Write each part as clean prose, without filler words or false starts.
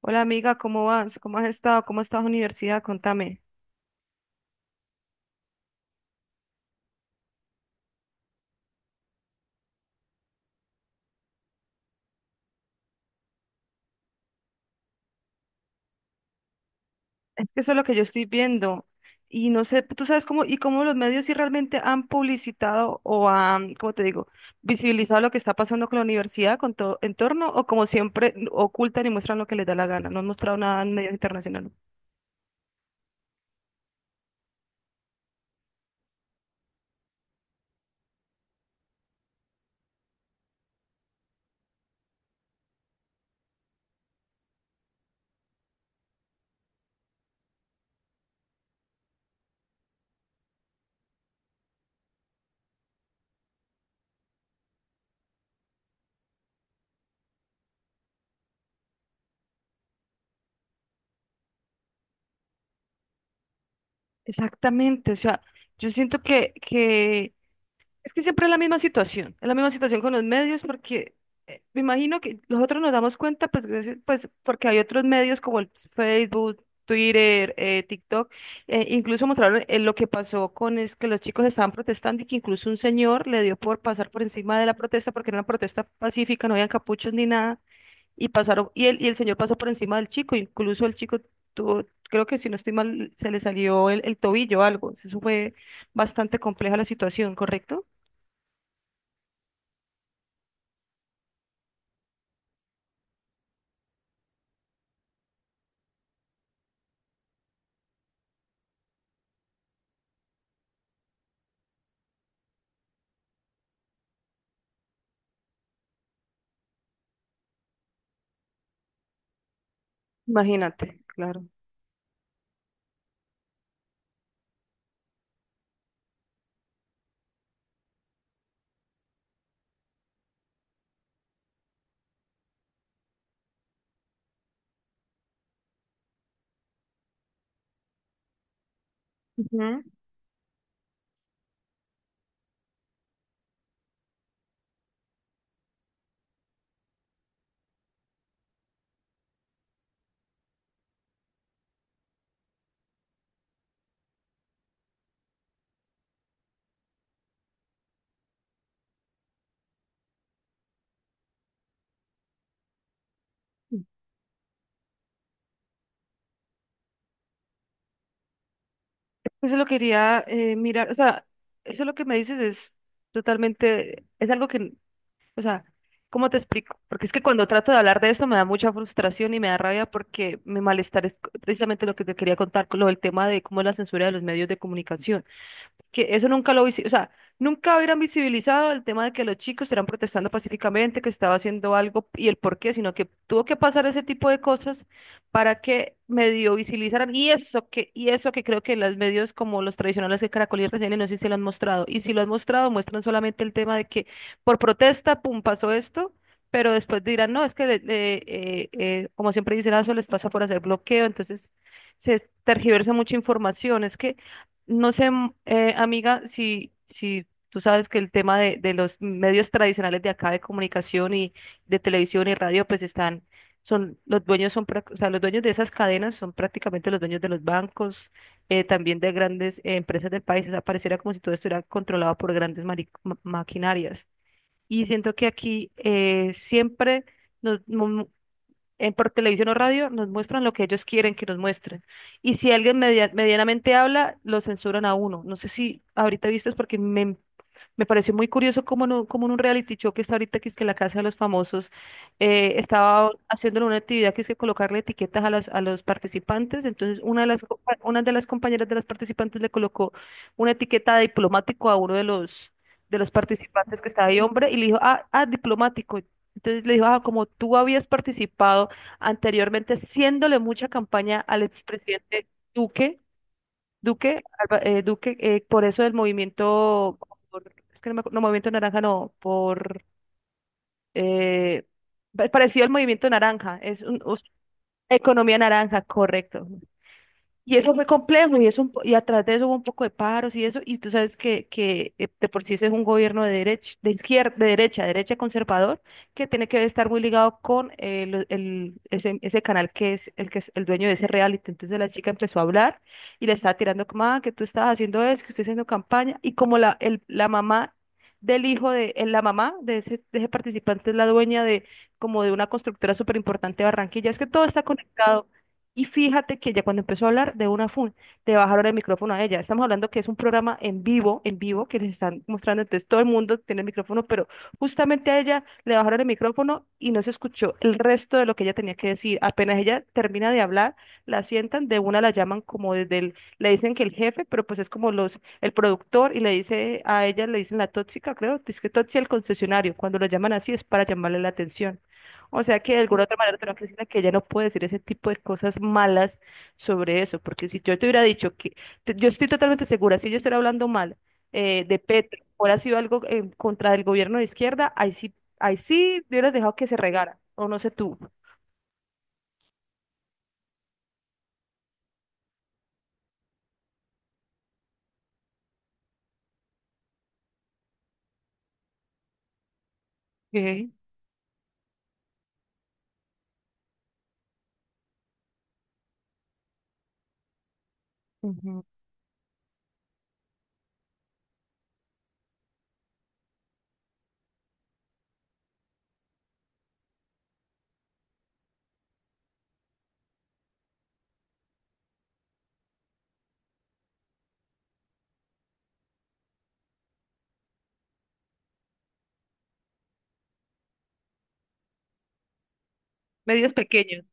Hola amiga, ¿cómo vas? ¿Cómo has estado? ¿Cómo está la universidad? Contame. Es que eso es lo que yo estoy viendo. Y no sé, tú sabes cómo, y cómo los medios sí realmente han publicitado o han, ¿cómo te digo? Visibilizado lo que está pasando con la universidad, con todo entorno, o como siempre ocultan y muestran lo que les da la gana. No han mostrado nada en medios internacionales. Exactamente, o sea, yo siento que es que siempre es la misma situación, es la misma situación con los medios porque me imagino que nosotros nos damos cuenta, pues, pues porque hay otros medios como el Facebook, Twitter, TikTok, incluso mostraron lo que pasó con es que los chicos estaban protestando y que incluso un señor le dio por pasar por encima de la protesta porque era una protesta pacífica, no había capuchos ni nada, y pasaron, y el señor pasó por encima del chico, incluso el chico tuvo, creo que si no estoy mal, se le salió el tobillo o algo, eso fue bastante compleja la situación, ¿correcto? Imagínate, claro. Ujú. Eso lo quería mirar, o sea, eso lo que me dices es totalmente, es algo que, o sea, ¿cómo te explico? Porque es que cuando trato de hablar de esto me da mucha frustración y me da rabia porque mi malestar es precisamente lo que te quería contar con lo del tema de cómo es la censura de los medios de comunicación. Que eso nunca lo o sea, nunca hubieran visibilizado el tema de que los chicos estaban protestando pacíficamente, que estaba haciendo algo y el por qué, sino que tuvo que pasar ese tipo de cosas para que medio visibilizaran y eso que creo que los medios como los tradicionales de Caracol y RCN no sé si lo han mostrado y si lo han mostrado muestran solamente el tema de que por protesta, pum, pasó esto. Pero después dirán, no, es que, como siempre dicen, "Ah, eso les pasa por hacer bloqueo". Entonces se tergiversa mucha información. Es que no sé, amiga, si tú sabes que el tema de los medios tradicionales de acá de comunicación y de televisión y radio, pues están, son, los dueños son, o sea, los dueños de esas cadenas son prácticamente los dueños de los bancos, también de grandes empresas del país. O sea, pareciera como si todo estuviera controlado por grandes maquinarias. Y siento que aquí siempre por televisión o radio, nos muestran lo que ellos quieren que nos muestren. Y si alguien medianamente habla, lo censuran a uno. No sé si ahorita viste, porque me pareció muy curioso cómo en un reality show que está ahorita, que es que la Casa de los Famosos, estaba haciendo una actividad que es que colocarle etiquetas a, a los participantes. Entonces, una de las compañeras de las participantes le colocó una etiqueta de diplomático a uno de los participantes que estaba ahí, hombre, y le dijo, diplomático. Entonces le dijo, ah, como tú habías participado anteriormente, haciéndole mucha campaña al expresidente Duque, Duque, Duque, por eso del movimiento, por- es que no, no, movimiento naranja, no, por eh, parecido al movimiento naranja, economía naranja, correcto. Y eso fue complejo y, eso, y atrás de eso hubo un poco de paros y eso, y tú sabes que de por sí ese es un gobierno de derecha, de izquierda, de derecha, derecha conservador, que tiene que estar muy ligado con ese canal que es el dueño de ese reality. Entonces la chica empezó a hablar y le estaba tirando como, ah, que tú estabas haciendo eso, que estoy haciendo campaña, y como la mamá del hijo de, la mamá de ese participante es la dueña de como de una constructora súper importante de Barranquilla, es que todo está conectado. Y fíjate que ya cuando empezó a hablar de le bajaron el micrófono a ella. Estamos hablando que es un programa en vivo, que les están mostrando. Entonces todo el mundo tiene el micrófono, pero justamente a ella le bajaron el micrófono y no se escuchó el resto de lo que ella tenía que decir. Apenas ella termina de hablar, la sientan, de una la llaman le dicen que el jefe, pero pues es como el productor y le dice a ella, le dicen la tóxica, creo, dice que tóxica el concesionario. Cuando la llaman así es para llamarle la atención. O sea que de alguna otra manera tengo que decirle que ella no puede decir ese tipo de cosas malas sobre eso, porque si yo te hubiera dicho que, yo estoy totalmente segura, si yo estuviera hablando mal de Petro, hubiera sido algo en contra del gobierno de izquierda, ahí sí hubieras dejado que se regara, o no sé tú. Ok, ujú. Medios pequeños.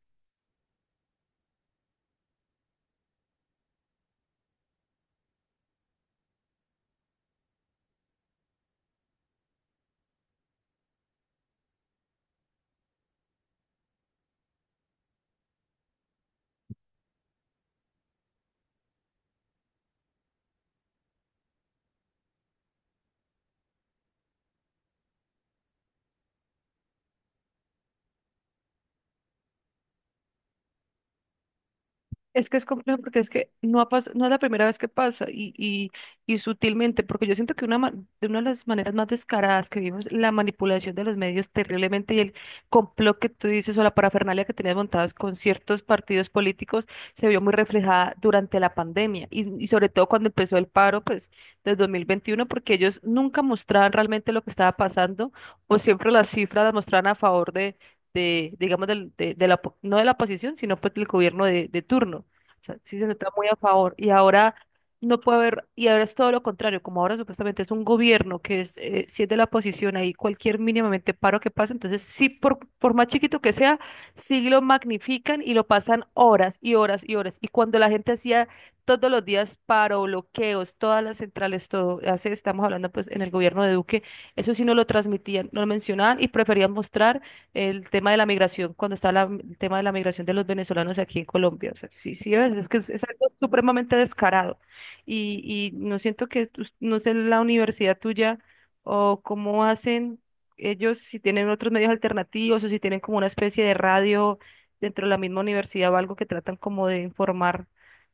Es que es complejo porque es que no, no es la primera vez que pasa y sutilmente, porque yo siento que de una de las maneras más descaradas que vimos, la manipulación de los medios terriblemente y el complot que tú dices o la parafernalia que tenías montadas con ciertos partidos políticos se vio muy reflejada durante la pandemia y sobre todo cuando empezó el paro, pues, del 2021, porque ellos nunca mostraban realmente lo que estaba pasando o siempre las cifras las mostraban a favor de, digamos, de la, no de la oposición, sino pues del gobierno de turno sea, sí se nota muy a favor. Y ahora no puede haber, y ahora es todo lo contrario, como ahora supuestamente es un gobierno que es, si es de la oposición, ahí cualquier mínimamente paro que pase, entonces sí, por más chiquito que sea, sí lo magnifican y lo pasan horas y horas y horas. Y cuando la gente hacía todos los días paro, bloqueos, todas las centrales, todo, hace, estamos hablando pues en el gobierno de Duque, eso sí no lo transmitían, no lo mencionaban y preferían mostrar el tema de la migración, cuando está el tema de la migración de los venezolanos aquí en Colombia. O sea, sí, sí, es que es algo supremamente descarado. Y no siento que, no sé, la universidad tuya o cómo hacen ellos, si tienen otros medios alternativos o si tienen como una especie de radio dentro de la misma universidad o algo que tratan como de informar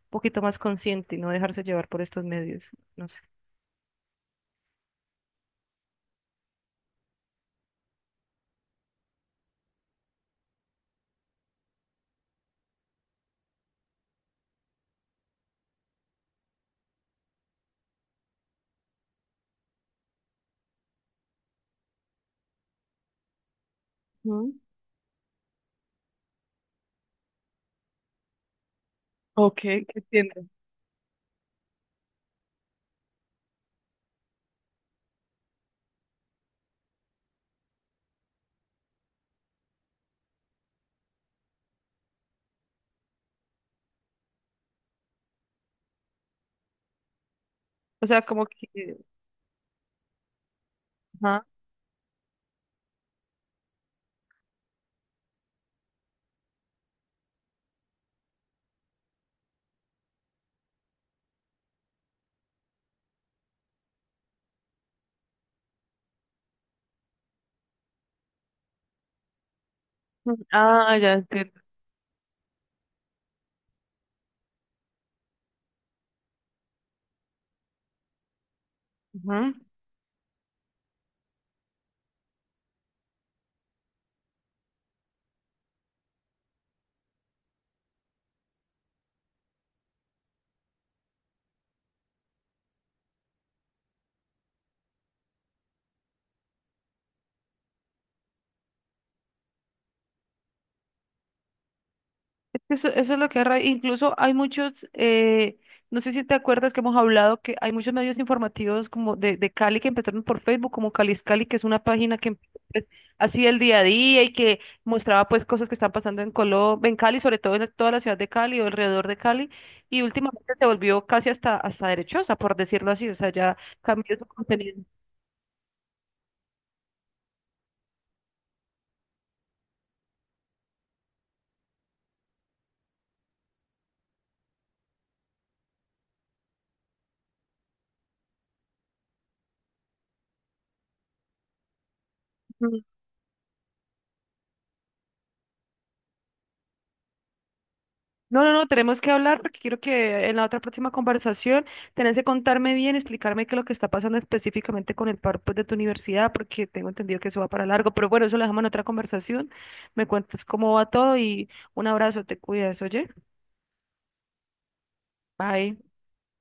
un poquito más consciente y no dejarse llevar por estos medios. No sé. Ujú. Ok, entiendo. O sea, como que... ajá. Ah, ya entiendo. Ujú. Eso es lo que es incluso hay muchos, no sé si te acuerdas que hemos hablado que hay muchos medios informativos como de Cali que empezaron por Facebook, como Calis Cali, que es una página que pues, hacía el día a día y que mostraba pues cosas que están pasando en Colombia, en Cali, sobre todo en toda la ciudad de Cali o alrededor de Cali, y últimamente se volvió casi hasta, hasta derechosa, por decirlo así, o sea, ya cambió su contenido. No, no, no, tenemos que hablar porque quiero que en la otra próxima conversación tenés que contarme bien, explicarme qué es lo que está pasando específicamente con el par pues, de tu universidad, porque tengo entendido que eso va para largo, pero bueno, eso lo dejamos en otra conversación. Me cuentas cómo va todo y un abrazo, te cuidas, oye. Bye.